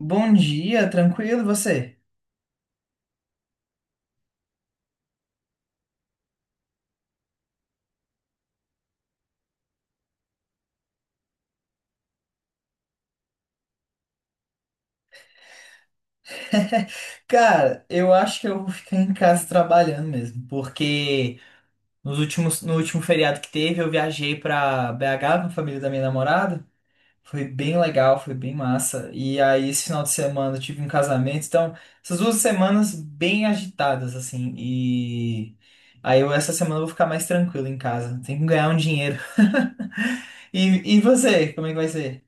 Bom dia, tranquilo, e você? Cara, eu acho que eu vou ficar em casa trabalhando mesmo, porque no último feriado que teve, eu viajei pra BH com a família da minha namorada. Foi bem legal, foi bem massa. E aí, esse final de semana eu tive um casamento, então, essas 2 semanas bem agitadas, assim. E aí, essa semana eu vou ficar mais tranquilo em casa. Tem que ganhar um dinheiro. E você, como é que vai ser?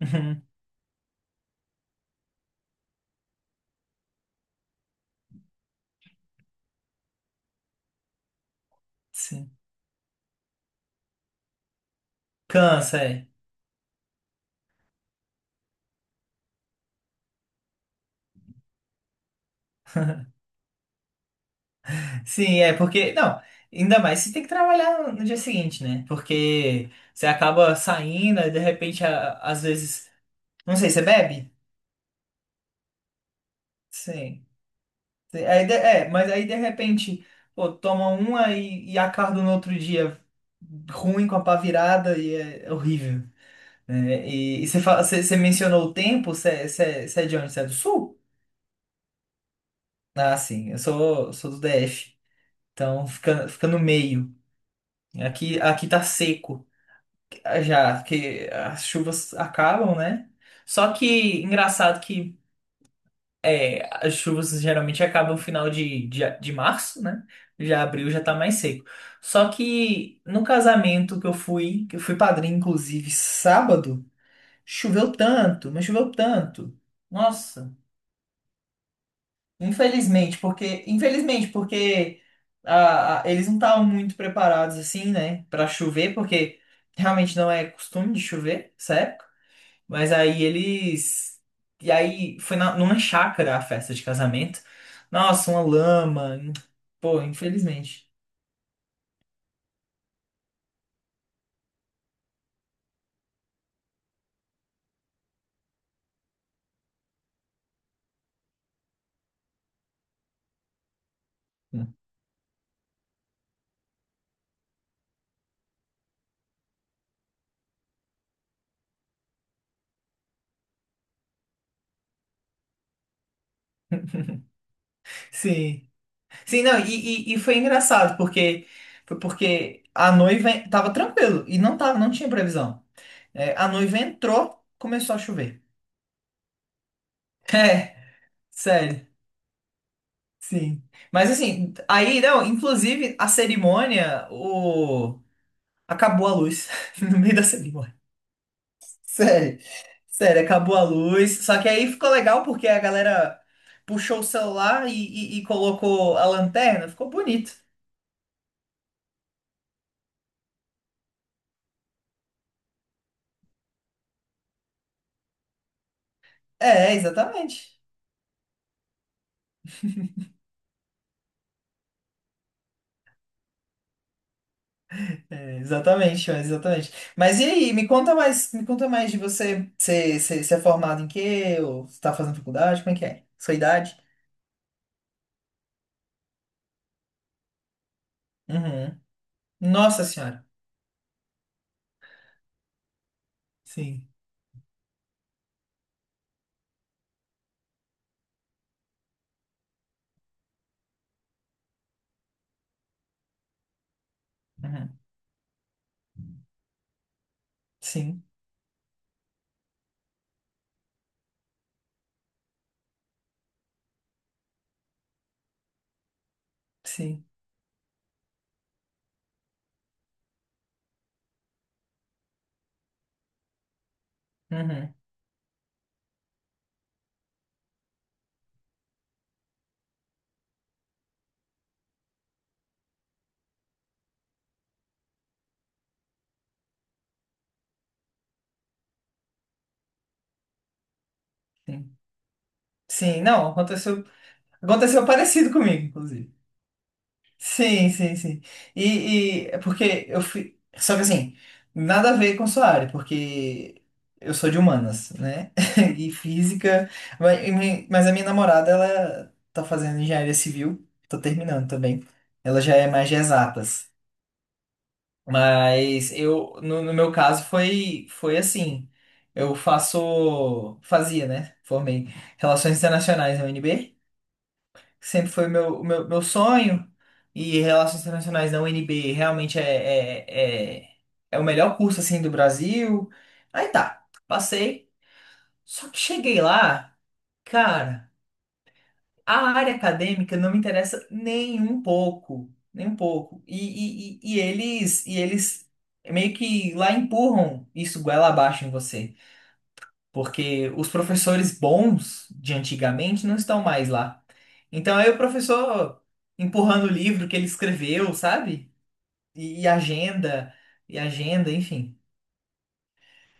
Sim. Cansa, é. Sim, é porque. Não, ainda mais você tem que trabalhar no dia seguinte, né? Porque você acaba saindo, aí de repente, às vezes. Não sei, você bebe? Sim. Mas aí de repente, pô, toma uma e acorda no outro dia ruim com a pá virada e é horrível. Né? E você, fala, você mencionou o tempo, você é de onde? Você é do sul? Ah, sim, eu sou do DF. Então fica no meio. Aqui tá seco. Já que as chuvas acabam, né? Só que engraçado que as chuvas geralmente acabam no final de março, né? Já abril já tá mais seco. Só que no casamento que eu fui padrinho, inclusive, sábado, choveu tanto, mas choveu tanto. Nossa, infelizmente, porque eles não estavam muito preparados assim, né, pra chover, porque realmente não é costume de chover, certo? Mas aí eles. E aí foi numa chácara a festa de casamento. Nossa, uma lama. Pô, infelizmente. Sim. Sim, não, e foi engraçado, porque a noiva tava tranquilo e não tava, não tinha previsão. É, a noiva entrou, começou a chover. É, sério. Sim. Mas assim, aí não, inclusive a cerimônia, o acabou a luz no meio da cerimônia. Sério, sério, acabou a luz. Só que aí ficou legal porque a galera puxou o celular e colocou a lanterna, ficou bonito. É, exatamente. É, exatamente, é, exatamente. Mas e aí, me conta mais de você. Você é formado em quê? Ou você tá fazendo faculdade? Como é que é? Sua idade? Uhum. Nossa senhora. Sim. Uhum. Sim, sim. Uhum. Sim. Sim, não, aconteceu parecido comigo, inclusive. Sim, sim, sim. E é porque eu fui. Só que assim, nada a ver com sua área, porque eu sou de humanas, né? E física. Mas a minha namorada, ela tá fazendo engenharia civil, tô terminando também. Ela já é mais de exatas. Mas eu, no meu caso, foi assim. Eu faço. Fazia, né? Formei Relações Internacionais na UNB, sempre foi o meu sonho, e Relações Internacionais da UNB realmente é o melhor curso assim do Brasil. Aí tá, passei, só que cheguei lá, cara, a área acadêmica não me interessa nem um pouco, nem um pouco. E eles meio que lá empurram isso goela abaixo em você, porque os professores bons de antigamente não estão mais lá. Então aí o professor empurrando o livro que ele escreveu, sabe? E, e agenda, e agenda, enfim.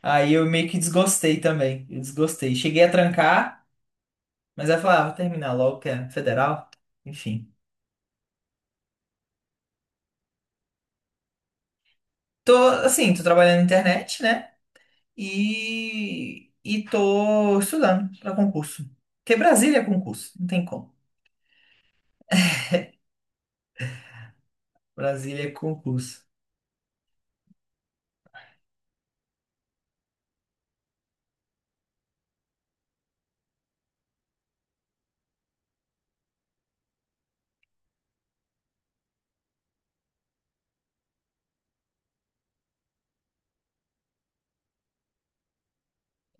Aí eu meio que desgostei também. Eu desgostei. Cheguei a trancar, mas aí eu falei, ah, vou terminar logo, que é federal. Enfim. Tô, assim, tô trabalhando na internet, né? E tô estudando pra concurso. Porque Brasília é concurso, não tem como. Brasília é concurso.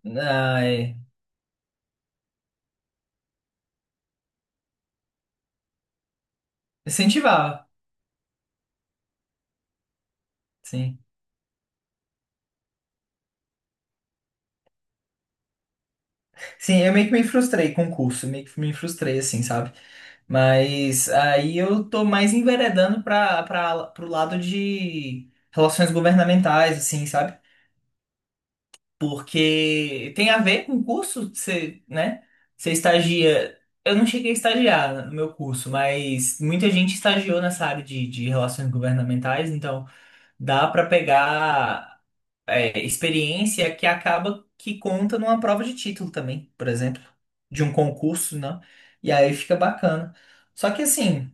Ai, incentivava, sim. Sim, eu meio que me frustrei com o curso, meio que me frustrei, assim, sabe? Mas aí eu tô mais enveredando para para pro lado de relações governamentais, assim, sabe? Porque tem a ver com o curso, você, né? Você estagia. Eu não cheguei a estagiar no meu curso, mas muita gente estagiou nessa área de relações governamentais, então dá para pegar experiência, que acaba que conta numa prova de título também, por exemplo, de um concurso, né? E aí fica bacana. Só que assim,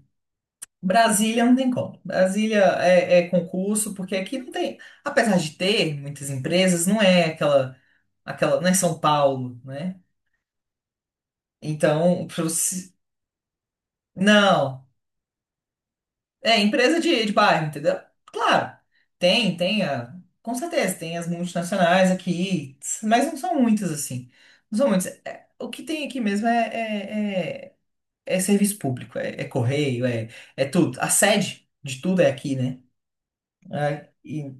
Brasília não tem como. Brasília é concurso, porque aqui não tem, apesar de ter muitas empresas, não é aquela, não é São Paulo, né? Então, não. É, empresa de bairro, entendeu? Claro, tem, tem, a, com certeza, tem as multinacionais aqui, mas não são muitas, assim. Não são muitas. É, o que tem aqui mesmo é serviço público, é correio, é tudo. A sede de tudo é aqui, né? É, e-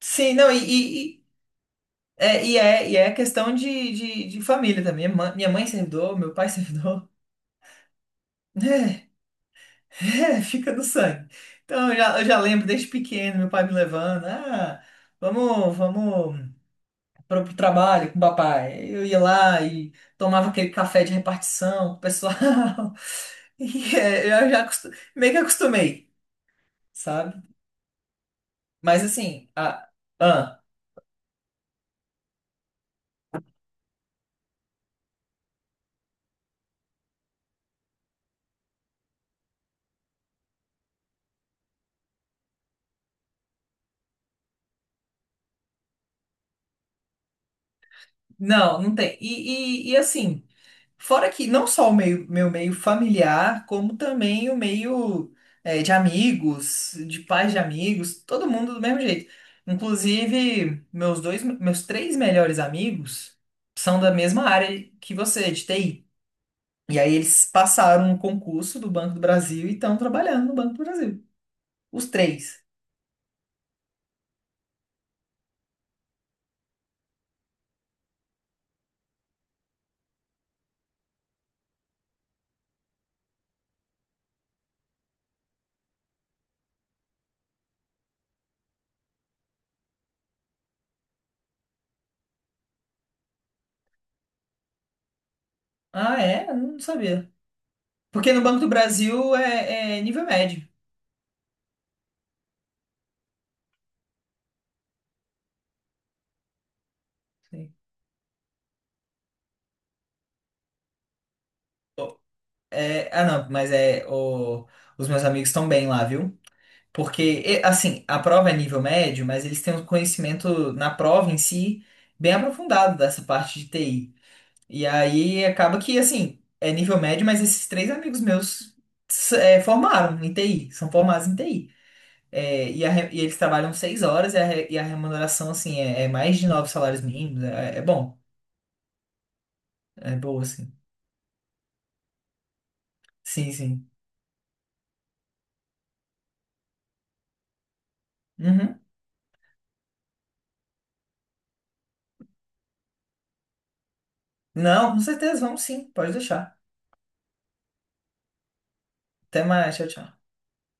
sim, não, é questão de família também. Minha mãe é servidor, meu pai é servidor. É, fica no sangue. Então, eu já lembro desde pequeno, meu pai me levando. Ah, vamos, vamos para o trabalho com o papai. Eu ia lá e tomava aquele café de repartição com o pessoal. E é, eu já acostu- meio que acostumei, sabe? Mas assim, ah, não, não tem. E assim. Fora que não só meu meio familiar, como também o meio de amigos, de pais de amigos, todo mundo do mesmo jeito. Inclusive, meus dois, meus três melhores amigos são da mesma área que você, de TI. E aí eles passaram o concurso do Banco do Brasil e estão trabalhando no Banco do Brasil. Os três. Ah, é? Eu não sabia. Porque no Banco do Brasil é nível médio. Sim. É, ah, não, mas os meus amigos estão bem lá, viu? Porque, assim, a prova é nível médio, mas eles têm um conhecimento na prova em si bem aprofundado dessa parte de TI. E aí acaba que, assim, é nível médio, mas esses três amigos meus formaram em TI, são formados em TI. É, e eles trabalham 6 horas e a remuneração, assim, é mais de 9 salários mínimos. É, é bom, é boa, assim. Sim, sim. Uhum. Não, com certeza, vamos sim, pode deixar. Até mais, tchau, tchau.